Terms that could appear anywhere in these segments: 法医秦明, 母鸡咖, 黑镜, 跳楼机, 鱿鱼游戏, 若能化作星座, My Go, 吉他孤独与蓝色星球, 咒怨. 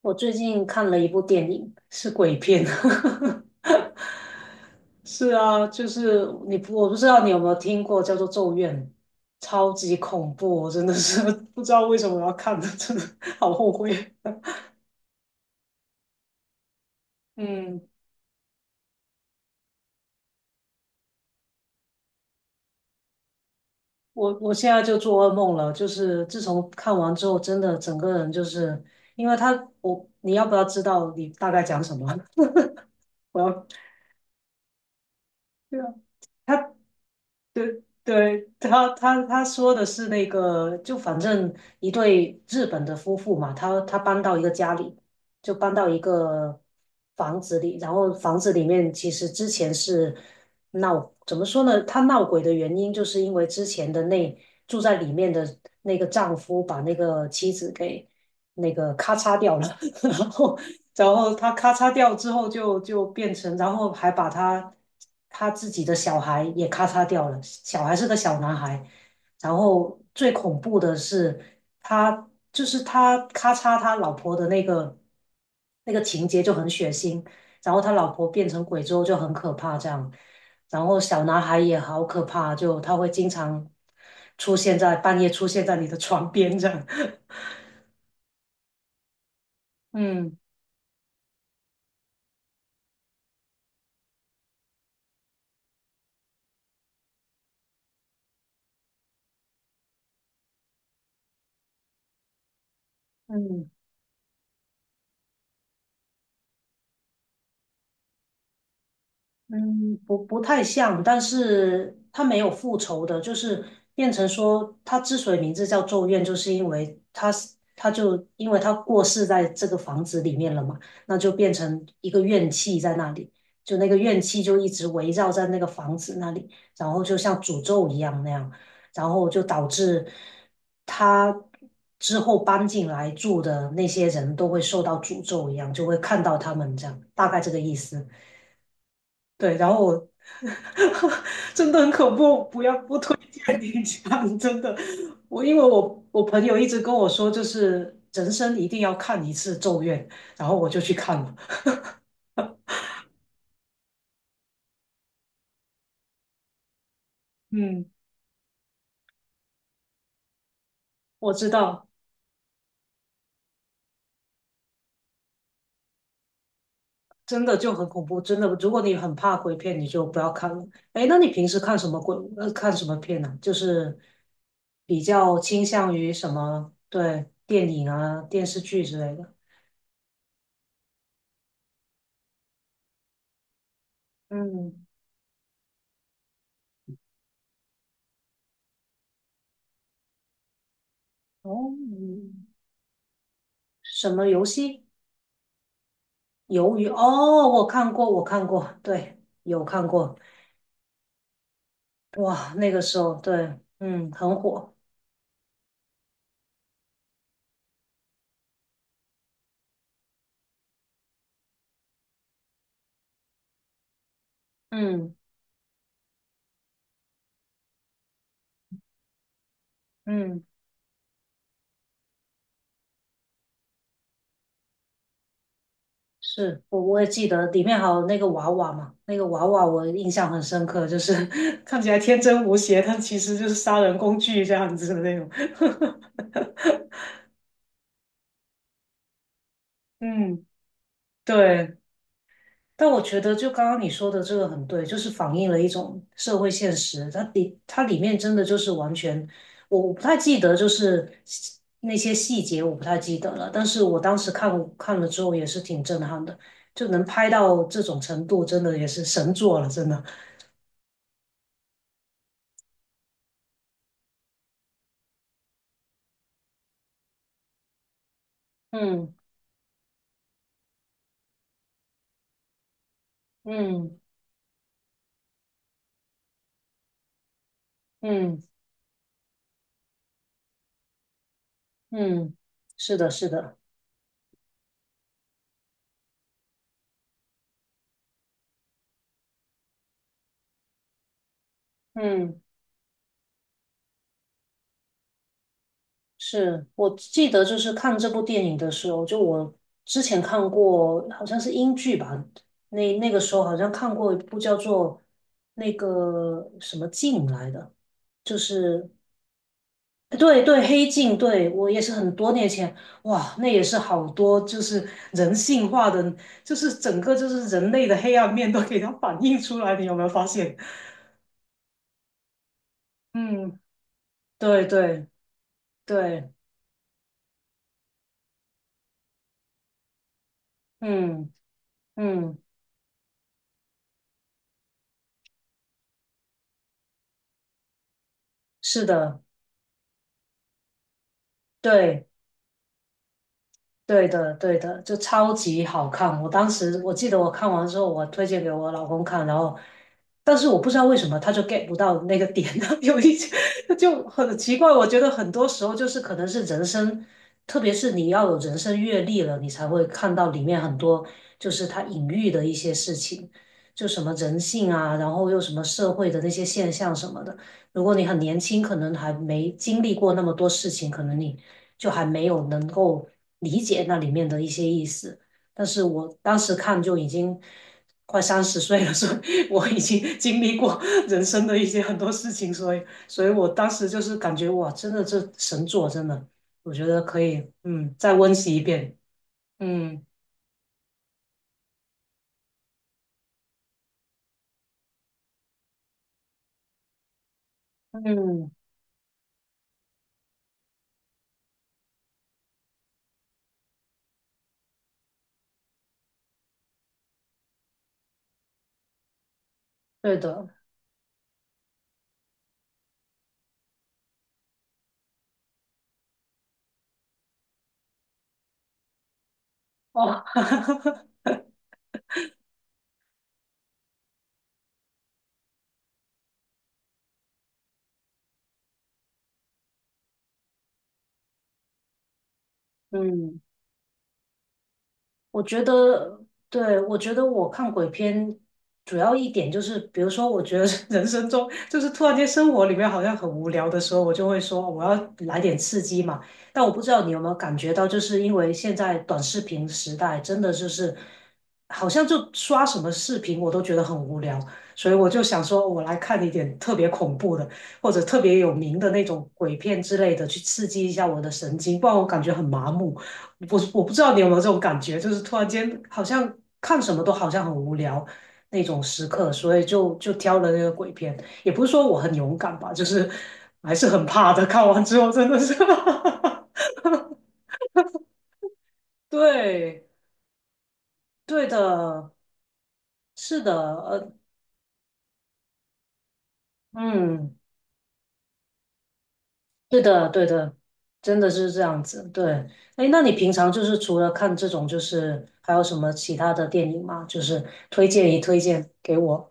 我最近看了一部电影，是鬼片。是啊，就是你不我不知道你有没有听过，叫做《咒怨》，超级恐怖，我真的是 不知道为什么我要看，的，真的好后悔。嗯，我现在就做噩梦了，就是自从看完之后，真的整个人就是，因为他，我，你要不要知道你大概讲什么？我要，对啊，他。对对，他说的是那个，就反正一对日本的夫妇嘛，他搬到一个家里，就搬到一个房子里，然后房子里面其实之前是闹，怎么说呢？他闹鬼的原因就是因为之前的那住在里面的那个丈夫把那个妻子给那个咔嚓掉了，然后然后他咔嚓掉之后就变成，然后还把他自己的小孩也咔嚓掉了，小孩是个小男孩。然后最恐怖的是，他就是他咔嚓他老婆的那个那个情节就很血腥，然后他老婆变成鬼之后就很可怕这样，然后小男孩也好可怕，就他会经常出现在半夜出现在你的床边这样，嗯嗯。嗯，不太像，但是他没有复仇的，就是变成说，他之所以名字叫咒怨，就是因为他是他就因为他过世在这个房子里面了嘛，那就变成一个怨气在那里，就那个怨气就一直围绕在那个房子那里，然后就像诅咒一样那样，然后就导致他之后搬进来住的那些人都会受到诅咒一样，就会看到他们这样，大概这个意思。对，然后我 真的很恐怖，不要不推荐你讲，真的。我因为我朋友一直跟我说，就是人生一定要看一次《咒怨》，然后我就去看了。嗯，我知道，真的就很恐怖，真的。如果你很怕鬼片，你就不要看了。哎，那你平时看什么鬼？看什么片呢、就是比较倾向于什么？对，电影啊、电视剧之类的。嗯，哦，什么游戏？鱿鱼哦，我看过，我看过，对，有看过，哇，那个时候对，嗯，很火，嗯嗯，是我也记得里面还有那个娃娃嘛，那个娃娃我印象很深刻，就是 看起来天真无邪，但其实就是杀人工具这样子的那种，嗯，对，但我觉得，就刚刚你说的这个很对，就是反映了一种社会现实。它里面真的就是完全，我不太记得，就是那些细节我不太记得了。但是我当时看了之后也是挺震撼的，就能拍到这种程度，真的也是神作了，真的。嗯嗯嗯嗯，是的，是的，嗯。是我记得，就是看这部电影的时候，就我之前看过，好像是英剧吧，那个时候好像看过一部叫做那个什么镜来的，就是哎对对黑镜，对我也是很多年前，哇，那也是好多就是人性化的，就是整个就是人类的黑暗面都给它反映出来，你有没有发现？嗯，对对对嗯嗯，是的，对。对的，对的，就超级好看。我当时我记得我看完之后，我推荐给我老公看，然后，但是我不知道为什么他就 get 不到那个点，呢？有一些 就很奇怪。我觉得很多时候就是可能是人生，特别是你要有人生阅历了，你才会看到里面很多就是他隐喻的一些事情，就什么人性啊，然后又什么社会的那些现象什么的。如果你很年轻，可能还没经历过那么多事情，可能你就还没有能够理解那里面的一些意思。但是我当时看就已经快三十岁了，所以我已经 经历过人生的一些很多事情，所以，所以我当时就是感觉哇，真的这神作，真的，我觉得可以，嗯，再温习一遍，嗯嗯，对的，哦，嗯。我觉得，对，我觉得我看鬼片主要一点就是，比如说，我觉得 人生中就是突然间生活里面好像很无聊的时候，我就会说我要来点刺激嘛。但我不知道你有没有感觉到，就是因为现在短视频时代，真的就是好像就刷什么视频我都觉得很无聊，所以我就想说，我来看一点特别恐怖的或者特别有名的那种鬼片之类的，去刺激一下我的神经，不然我感觉很麻木。我我不知道你有没有这种感觉，就是突然间好像看什么都好像很无聊那种时刻，所以就挑了那个鬼片。也不是说我很勇敢吧，就是还是很怕的。看完之后真的是 对，对的，是的，嗯，对的，对的，真的是这样子。对，哎，那你平常就是除了看这种，就是还有什么其他的电影吗？就是推荐推荐给我。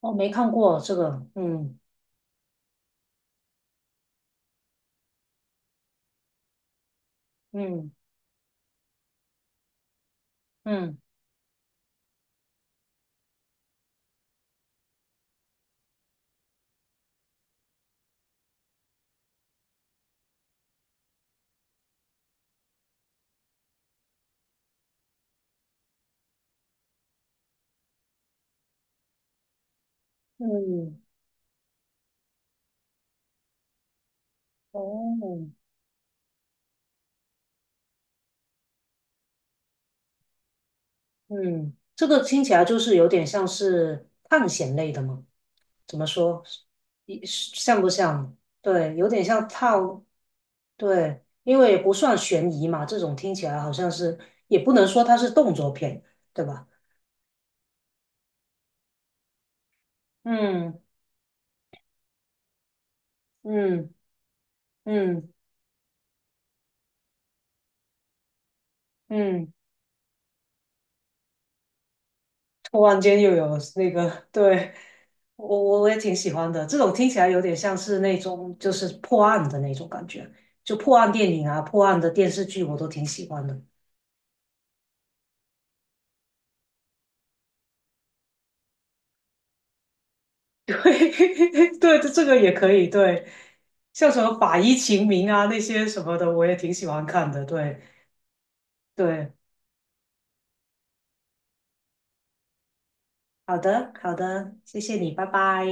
我没看过这个，嗯嗯。嗯嗯，哦，嗯，这个听起来就是有点像是探险类的嘛？怎么说？像不像？对，有点像套，对，因为也不算悬疑嘛，这种听起来好像是，也不能说它是动作片，对吧？嗯嗯嗯嗯，突然间又有那个，对，我也挺喜欢的，这种听起来有点像是那种就是破案的那种感觉，就破案电影啊、破案的电视剧我都挺喜欢的。对对，这个也可以，对，像什么法医秦明啊那些什么的，我也挺喜欢看的。对对，好的好的，谢谢你，拜拜。